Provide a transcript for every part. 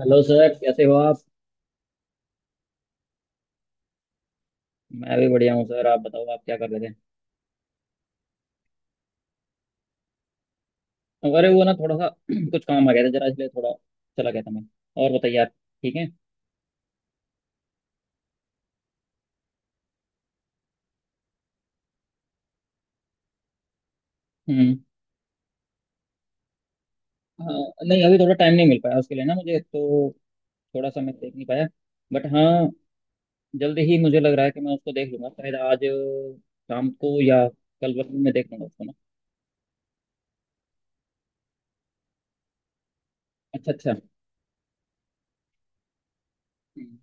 Hello sir, कैसे हो आप। मैं भी बढ़िया हूँ सर। आप बताओ, आप क्या कर रहे थे। अरे वो ना थोड़ा सा कुछ काम आ गया था जरा, इसलिए थोड़ा चला गया था मैं। और बताइए आप। ठीक है। हम्म। हाँ, नहीं अभी थोड़ा टाइम नहीं मिल पाया उसके लिए ना मुझे तो। थोड़ा सा मैं देख नहीं पाया। बट हाँ, जल्दी ही मुझे लग रहा है कि मैं उसको देख लूंगा। शायद आज शाम को या कल वक्त में देख लूंगा उसको ना। अच्छा अच्छा। हम्म।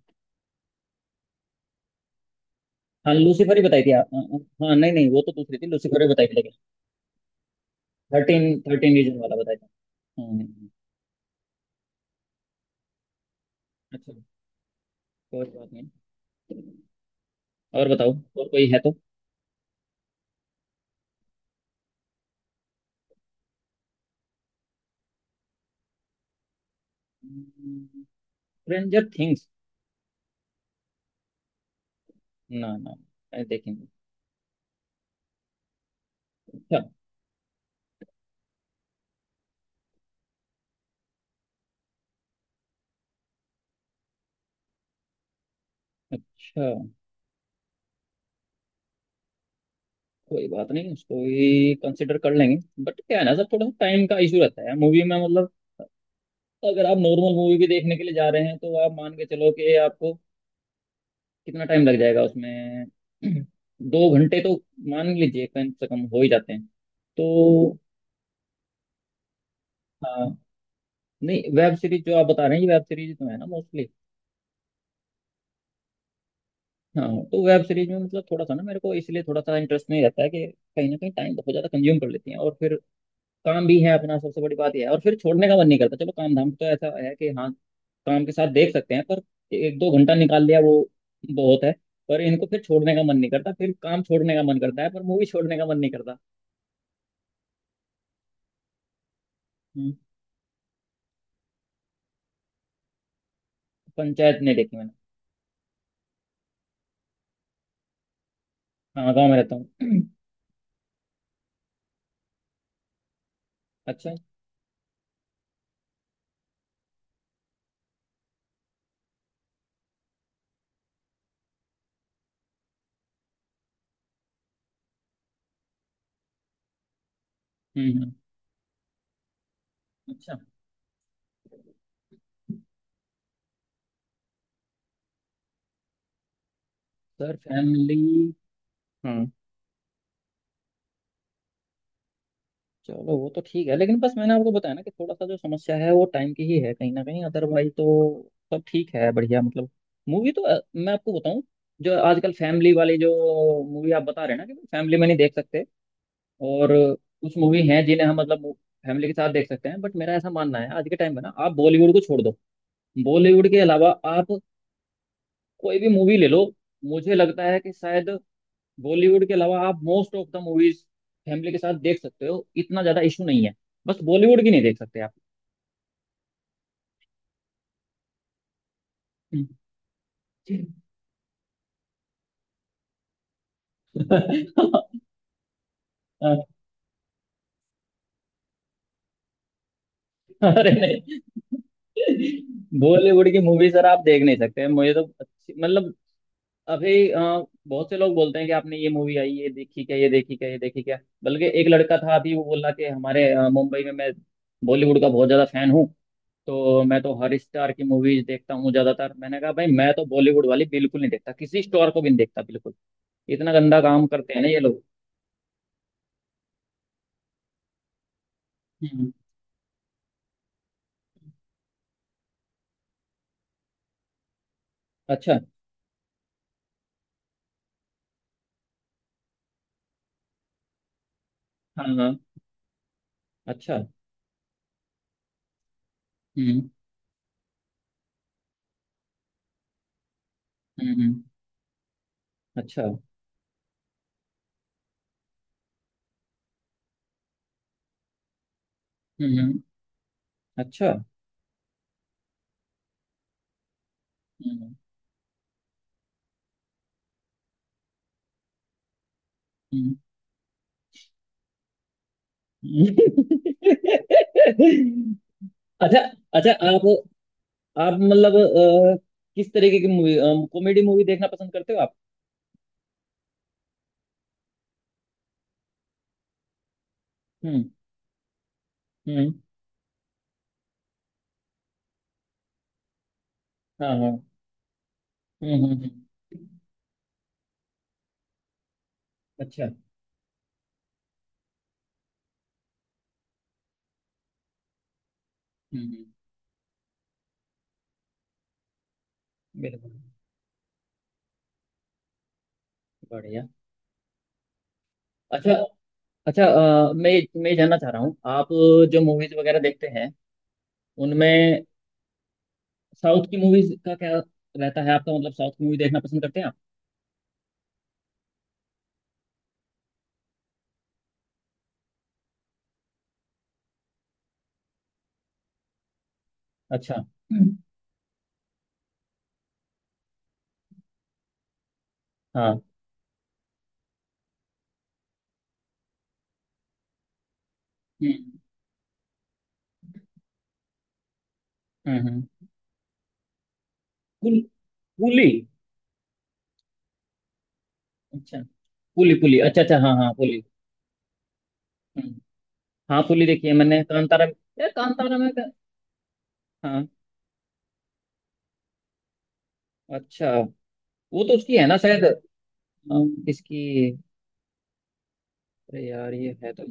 हाँ लूसीफर ही बताई थी आप। हाँ, नहीं नहीं वो तो दूसरी थी, लूसीफर ही बताई थी लेकिन। थर्टीन थर्टीन रीजन वाला बताया था। हम्म, हम्म, हम्म। अच्छा। कोई बात नहीं। और बताओ, और कोई है तो। Stranger things. ना ना, अरे देखेंगे। अच्छा अच्छा। कोई बात नहीं, उसको भी कंसिडर कर लेंगे। बट क्या है ना सर, थोड़ा सा टाइम का इशू रहता है मूवी में मतलब। अगर आप नॉर्मल मूवी भी देखने के लिए जा रहे हैं तो आप मान के चलो कि आपको कितना टाइम लग जाएगा उसमें। दो घंटे तो मान लीजिए कम से कम हो ही जाते हैं। तो हाँ, नहीं वेब सीरीज जो आप बता रहे हैं ये वेब सीरीज तो है ना मोस्टली। हाँ, तो वेब सीरीज में मतलब थोड़ा सा ना मेरे को इसलिए थोड़ा सा इंटरेस्ट नहीं रहता है कि कहीं ना कहीं टाइम बहुत ज्यादा कंज्यूम कर लेती हैं। और फिर काम भी है अपना, सबसे बड़ी बात यह है। और फिर छोड़ने का मन नहीं करता। चलो, काम धाम तो ऐसा है कि हाँ, काम के साथ देख सकते हैं, पर एक दो घंटा निकाल लिया वो बहुत है। पर इनको फिर छोड़ने का मन नहीं करता। फिर काम छोड़ने का मन करता है पर मूवी छोड़ने का मन नहीं करता। हम्म, पंचायत नहीं देखी मैंने। हाँ गाँव में रहता हूँ। अच्छा। हम्म। अच्छा सर, फैमिली, हाँ। चलो वो तो ठीक है, लेकिन बस मैंने आपको बताया ना कि थोड़ा सा जो समस्या है वो टाइम की ही है कहीं ना कहीं। अदरवाइज तो सब ठीक है, बढ़िया मतलब। मूवी तो मैं आपको बताऊं, जो आजकल फैमिली वाली जो मूवी आप बता रहे हैं ना कि फैमिली में नहीं देख सकते। और कुछ मूवी हैं जिन्हें हम मतलब फैमिली के साथ देख सकते हैं। बट मेरा ऐसा मानना है आज के टाइम में ना, आप बॉलीवुड को छोड़ दो, बॉलीवुड के अलावा आप कोई भी मूवी ले लो, मुझे लगता है कि शायद बॉलीवुड के अलावा आप most of the movies family के साथ देख सकते हो, इतना ज्यादा इशू नहीं है। बस बॉलीवुड की नहीं देख सकते आप। अरे नहीं, बॉलीवुड की मूवी सर आप देख नहीं सकते। मुझे तो अच्छी मतलब, अभी बहुत से लोग बोलते हैं कि आपने ये मूवी आई, ये देखी क्या, ये देखी क्या, ये देखी क्या। बल्कि एक लड़का था अभी वो बोला कि हमारे मुंबई में मैं बॉलीवुड का बहुत ज्यादा फैन हूँ, तो मैं तो हर स्टार की मूवीज देखता हूँ ज्यादातर। मैंने कहा भाई, मैं तो बॉलीवुड वाली बिल्कुल नहीं देखता, किसी स्टार को भी नहीं देखता बिल्कुल। इतना गंदा काम करते हैं ना ये लोग। हम्म। अच्छा। हाँ हाँ। अच्छा। हम्म हम्म हम्म, अच्छा। हम्म हम्म, अच्छा। हम्म हम्म, हम्म। अच्छा अच्छा। आप मतलब किस तरीके की मूवी, कॉमेडी मूवी देखना पसंद करते हो आप। हम्म हम्म। हाँ हाँ। हम्म हम्म हम्म। अच्छा। हम्म हम्म। बिल्कुल। बढ़िया। अच्छा अच्छा। मैं ये जानना चाह रहा हूँ, आप जो मूवीज वगैरह देखते हैं उनमें साउथ की मूवीज का क्या रहता है आपका, मतलब साउथ की मूवी देखना पसंद करते हैं आप। अच्छा हाँ। हम्म हम्म हम्म। पुल, पुली। अच्छा, पुली पुली। अच्छा अच्छा, हाँ हाँ पुली। हम्म। हाँ पुली देखी है मैंने, कांतारा। यार कांतारा में का-, हाँ, अच्छा, वो तो उसकी है ना शायद, इसकी, अरे यार ये है तो,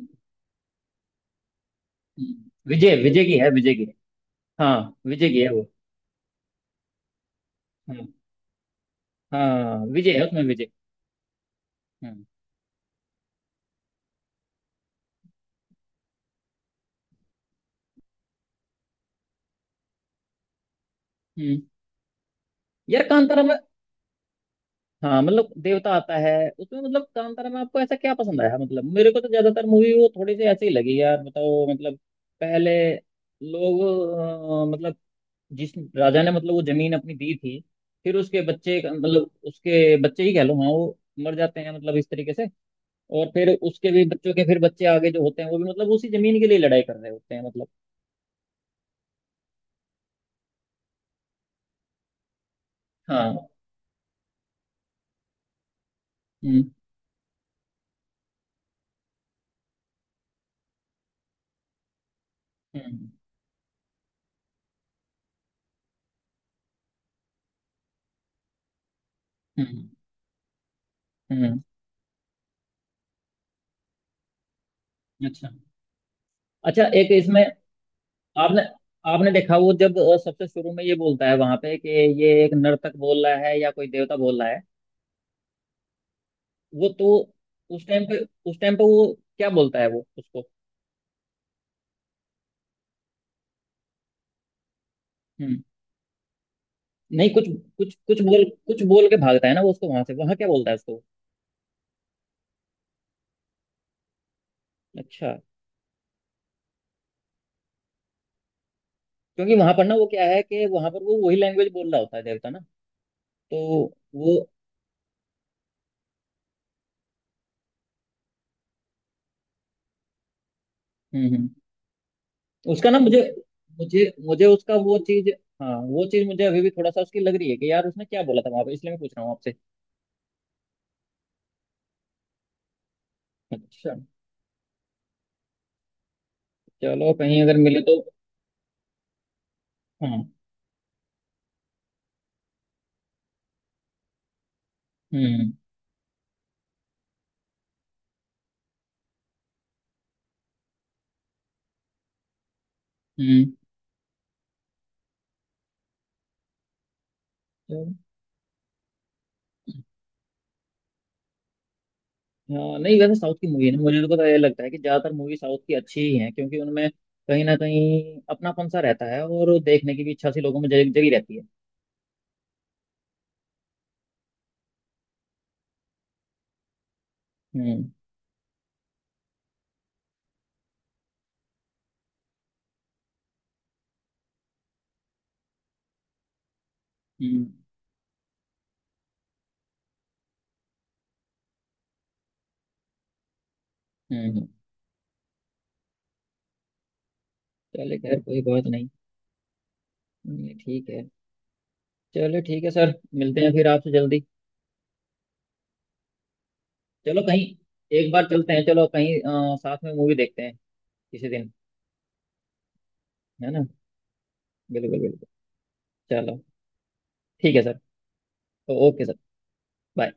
विजय, विजय की है, विजय की। हाँ विजय की है वो। हाँ। हाँ विजय है उसमें, विजय। हम्म। हम्म। यार कांतारा में, हाँ मतलब देवता आता है उसमें, मतलब कांतारा में आपको ऐसा क्या पसंद आया मतलब। मेरे को तो ज्यादातर मूवी वो थोड़ी सी ऐसे ही लगी यार। बताओ मतलब, पहले लोग मतलब जिस राजा ने मतलब वो जमीन अपनी दी थी, फिर उसके बच्चे मतलब उसके बच्चे ही कह लो, हाँ, वो मर जाते हैं मतलब इस तरीके से। और फिर उसके भी बच्चों के फिर बच्चे आगे जो होते हैं वो भी मतलब उसी जमीन के लिए लड़ाई कर रहे होते हैं मतलब। हाँ। हम्म हम्म हम्म हम्म। अच्छा। अच्छा एक इसमें, आपने, आपने देखा वो जब सबसे शुरू में ये बोलता है वहां पे कि ये एक नर्तक बोल रहा है या कोई देवता बोल रहा है। वो तो उस टाइम पे, उस टाइम पे वो क्या बोलता है वो उसको। हम्म। नहीं कुछ, कुछ कुछ बोल, कुछ बोल के भागता है ना वो उसको वहां से, वहां क्या बोलता है उसको। अच्छा, क्योंकि वहां पर ना वो क्या है कि वहां पर वो वही लैंग्वेज बोल रहा होता है देवता ना, तो वो। हम्म। उसका ना मुझे, मुझे उसका वो चीज, हाँ वो चीज मुझे अभी भी थोड़ा सा उसकी लग रही है कि यार उसने क्या बोला था वहां पे, इसलिए मैं पूछ रहा हूँ आपसे। अच्छा, चलो कहीं अगर मिले तो। हाँ। हम्म हम्म। चलो। हाँ नहीं वैसे साउथ की मूवी है ना, मुझे तो पता ये लगता है कि ज़्यादातर मूवी साउथ की अच्छी ही हैं क्योंकि उनमें कहीं ना कहीं अपनापन सा रहता है और देखने की भी इच्छा सी लोगों में जग जगी रहती है। हम्म। हम्म। हम्म। चले खैर कोई बात नहीं। ठीक है। चलो ठीक है सर, मिलते हैं फिर आपसे जल्दी। चलो कहीं एक बार चलते हैं, चलो कहीं साथ में मूवी देखते हैं किसी दिन। है ना, बिल्कुल बिल्कुल। चलो, ठीक है सर। Okay sir, bye.